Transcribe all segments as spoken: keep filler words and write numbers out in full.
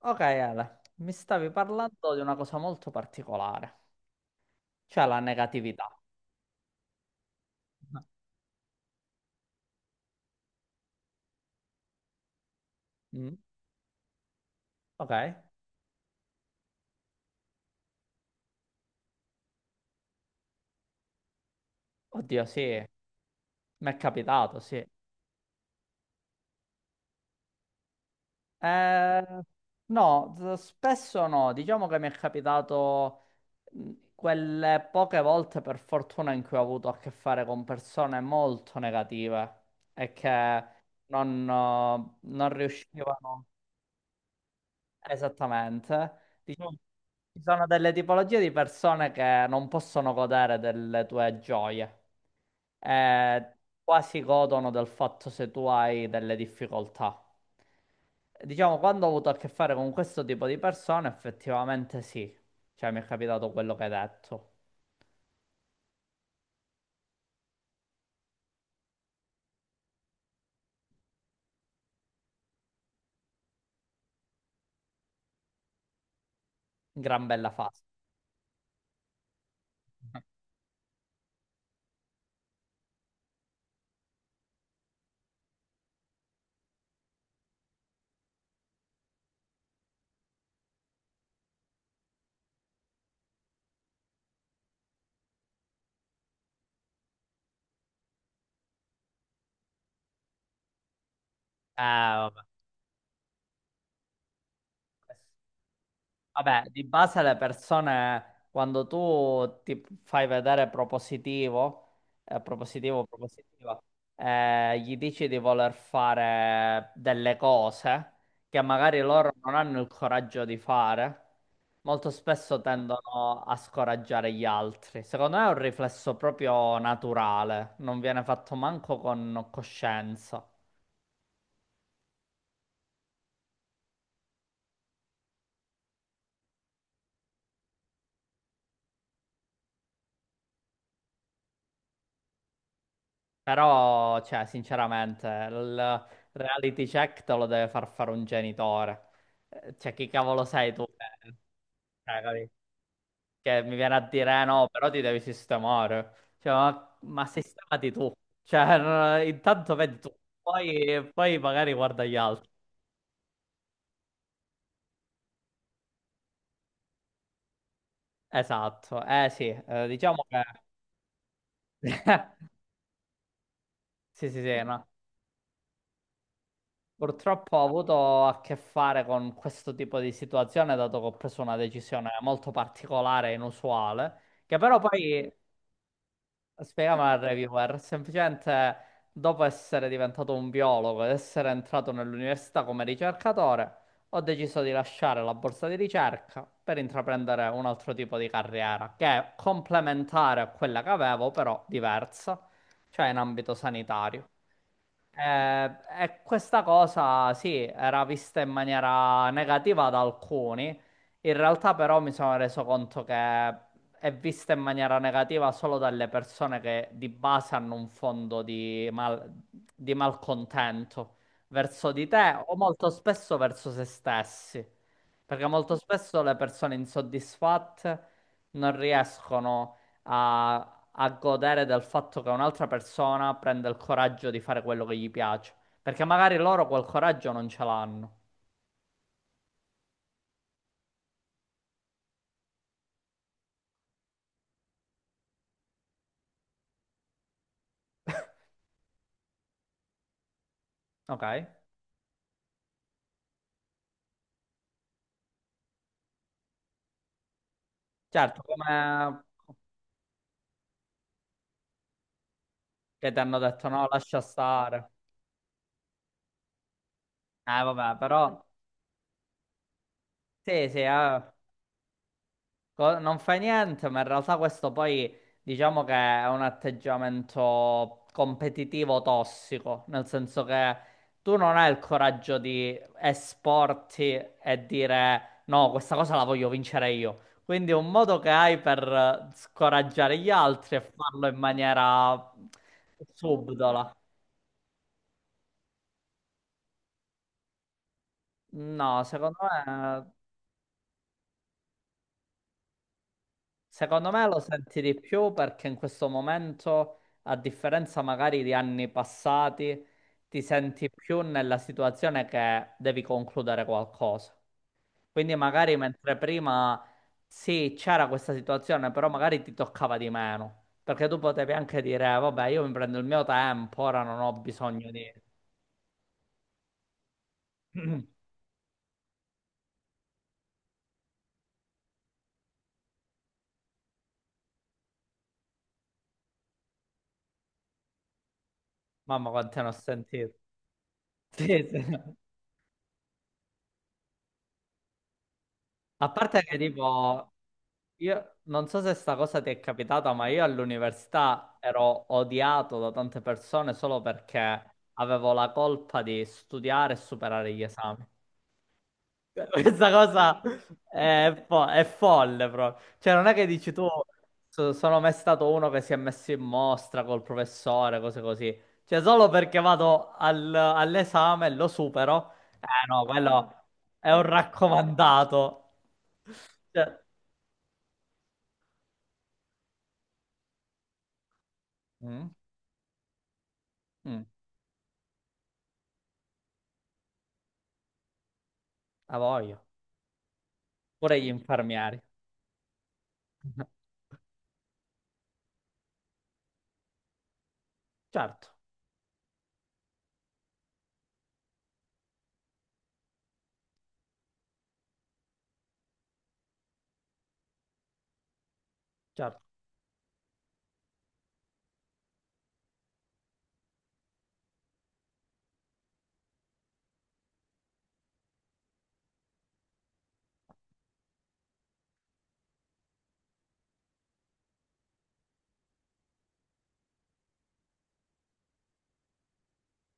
Ok, Ale, mi stavi parlando di una cosa molto particolare, cioè la negatività. Mm. Ok, oddio, sì, mi è capitato, sì. Eh, no, z- spesso no, diciamo che mi è capitato mh, quelle poche volte per fortuna in cui ho avuto a che fare con persone molto negative e che non, eh, non riuscivano. Esattamente. Diciamo, ci sono delle tipologie di persone che non possono godere delle tue gioie. Eh, quasi godono del fatto se tu hai delle difficoltà. Diciamo, quando ho avuto a che fare con questo tipo di persone, effettivamente sì. Cioè, mi è capitato quello che hai detto. Gran bella fase. Eh, vabbè. Vabbè, di base le persone, quando tu ti fai vedere propositivo, eh, propositivo, propositiva, eh, gli dici di voler fare delle cose che magari loro non hanno il coraggio di fare, molto spesso tendono a scoraggiare gli altri. Secondo me è un riflesso proprio naturale, non viene fatto manco con coscienza. Però, cioè, sinceramente, il reality check te lo deve far fare un genitore. Eh, Cioè, chi cavolo sei tu? Che cioè, capi? Che mi viene a dire "Eh, no, però ti devi sistemare. Cioè, ma, ma sistemati tu. Cioè, no, intanto vedi tu, poi, poi magari guarda gli altri. Esatto, eh sì, eh, diciamo che... Sì, sì, sì, no. Purtroppo ho avuto a che fare con questo tipo di situazione, dato che ho preso una decisione molto particolare e inusuale, che però poi spiegami a reviewer, semplicemente dopo essere diventato un biologo ed essere entrato nell'università come ricercatore, ho deciso di lasciare la borsa di ricerca per intraprendere un altro tipo di carriera, che è complementare a quella che avevo, però diversa, cioè in ambito sanitario. Eh, e questa cosa sì, era vista in maniera negativa da alcuni, in realtà però mi sono reso conto che è vista in maniera negativa solo dalle persone che di base hanno un fondo di, mal- di malcontento verso di te o molto spesso verso se stessi, perché molto spesso le persone insoddisfatte non riescono a, a godere del fatto che un'altra persona prende il coraggio di fare quello che gli piace, perché magari loro quel coraggio non ce l'hanno, ok? Certo, come cioè, ti hanno detto no, lascia stare. Eh, vabbè, però sì, sì, eh, co- non fai niente, ma in realtà questo poi diciamo che è un atteggiamento competitivo tossico, nel senso che tu non hai il coraggio di esporti e dire no, questa cosa la voglio vincere io. Quindi un modo che hai per eh, scoraggiare gli altri è farlo in maniera subdola. No, secondo me secondo me lo senti di più perché in questo momento, a differenza magari di anni passati, ti senti più nella situazione che devi concludere qualcosa. Quindi magari mentre prima sì, c'era questa situazione, però magari ti toccava di meno, perché tu potevi anche dire, "Eh, vabbè, io mi prendo il mio tempo, ora non ho bisogno di... Mamma, quante ne ho sentito. Sì, sì. A parte che tipo, io non so se sta cosa ti è capitata, ma io all'università ero odiato da tante persone solo perché avevo la colpa di studiare e superare gli esami. Cioè, questa cosa è, fo- è folle proprio. Cioè, non è che dici tu, "So- sono mai stato uno che si è messo in mostra col professore, cose così. Cioè, solo perché vado al- all'esame e lo supero, eh no, quello è un raccomandato. Cioè, mm, mm. A voglio. Vorrei infarmiare. Certo, certo,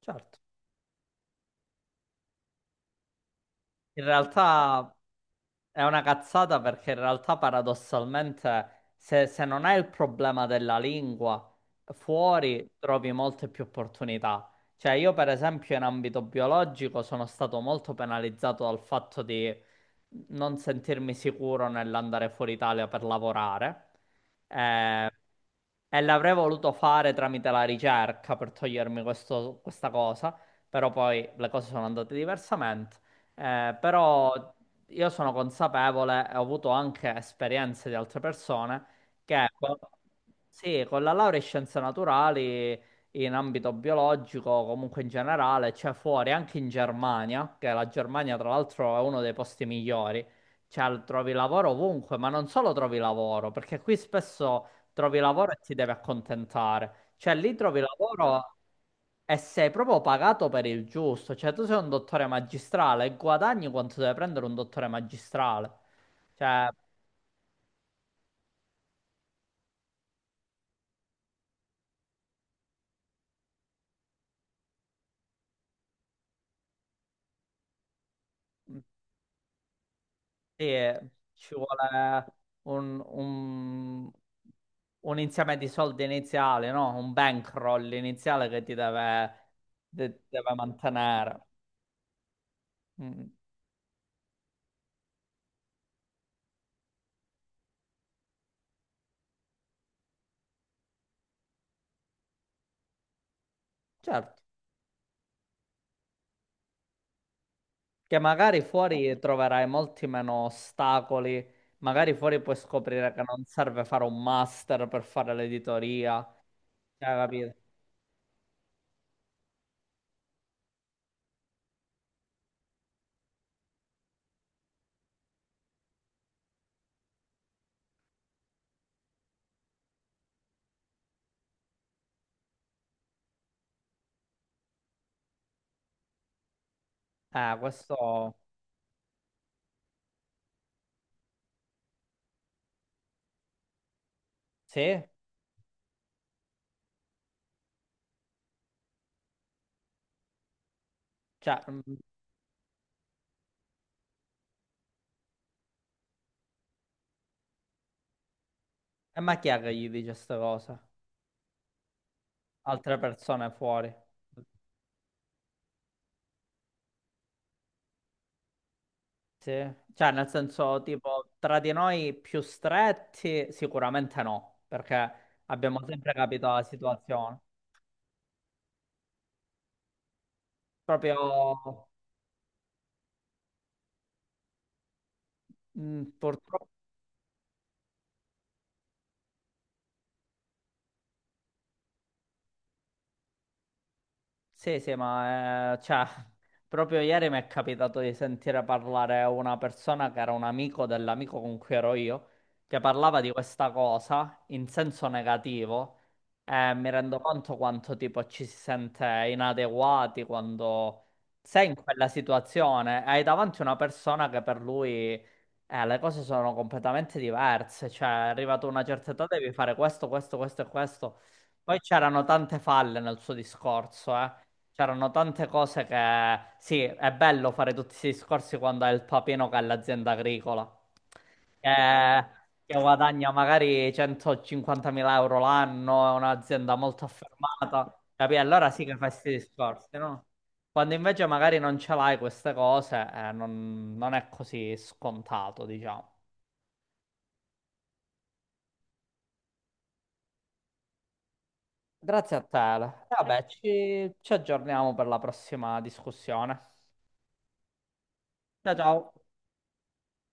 certo. In realtà è una cazzata perché in realtà paradossalmente se, se non hai il problema della lingua, fuori trovi molte più opportunità. Cioè io per esempio in ambito biologico sono stato molto penalizzato dal fatto di non sentirmi sicuro nell'andare fuori Italia per lavorare. Eh, e l'avrei voluto fare tramite la ricerca per togliermi questo- questa cosa, però poi le cose sono andate diversamente. Eh, però io sono consapevole e ho avuto anche esperienze di altre persone che con, sì, con la laurea in scienze naturali in ambito biologico, comunque in generale, c'è fuori anche in Germania, che la Germania tra l'altro è uno dei posti migliori, cioè trovi lavoro ovunque, ma non solo trovi lavoro, perché qui spesso trovi lavoro e ti devi accontentare, cioè lì trovi lavoro. E sei proprio pagato per il giusto, cioè tu sei un dottore magistrale e guadagni quanto deve prendere un dottore magistrale. Cioè, mh, sì, ci vuole un, un- un insieme di soldi iniziali, no? Un bankroll iniziale che ti deve, de- deve mantenere. Mm, certo, che magari fuori troverai molti meno ostacoli, magari fuori puoi scoprire che non serve fare un master per fare l'editoria. Cioè, capito? Eh, questo sì, cioè, mm, e ma chi è che gli dice questa cosa? Altre persone fuori. Sì. Cioè, nel senso, tipo, tra di noi più stretti, sicuramente no, perché abbiamo sempre capito la situazione. Proprio, mm, purtroppo sì, sì, ma eh, cioè, proprio ieri mi è capitato di sentire parlare una persona che era un amico dell'amico con cui ero io, che parlava di questa cosa in senso negativo e mi rendo conto quanto tipo ci si sente inadeguati quando sei in quella situazione e hai davanti una persona che per lui eh, le cose sono completamente diverse, cioè è arrivato a una certa età devi fare questo, questo, questo e questo. Poi c'erano tante falle nel suo discorso, eh. C'erano tante cose che... Sì, è bello fare tutti questi discorsi quando hai il papino che è l'azienda agricola. che, che guadagna magari centocinquantamila euro l'anno, è un'azienda molto affermata, capì? Allora sì che fai questi discorsi, no? Quando invece magari non ce l'hai queste cose, eh, non, non è così scontato, diciamo. Grazie a te. Ale. E vabbè, ci ci aggiorniamo per la prossima discussione. Ciao ciao.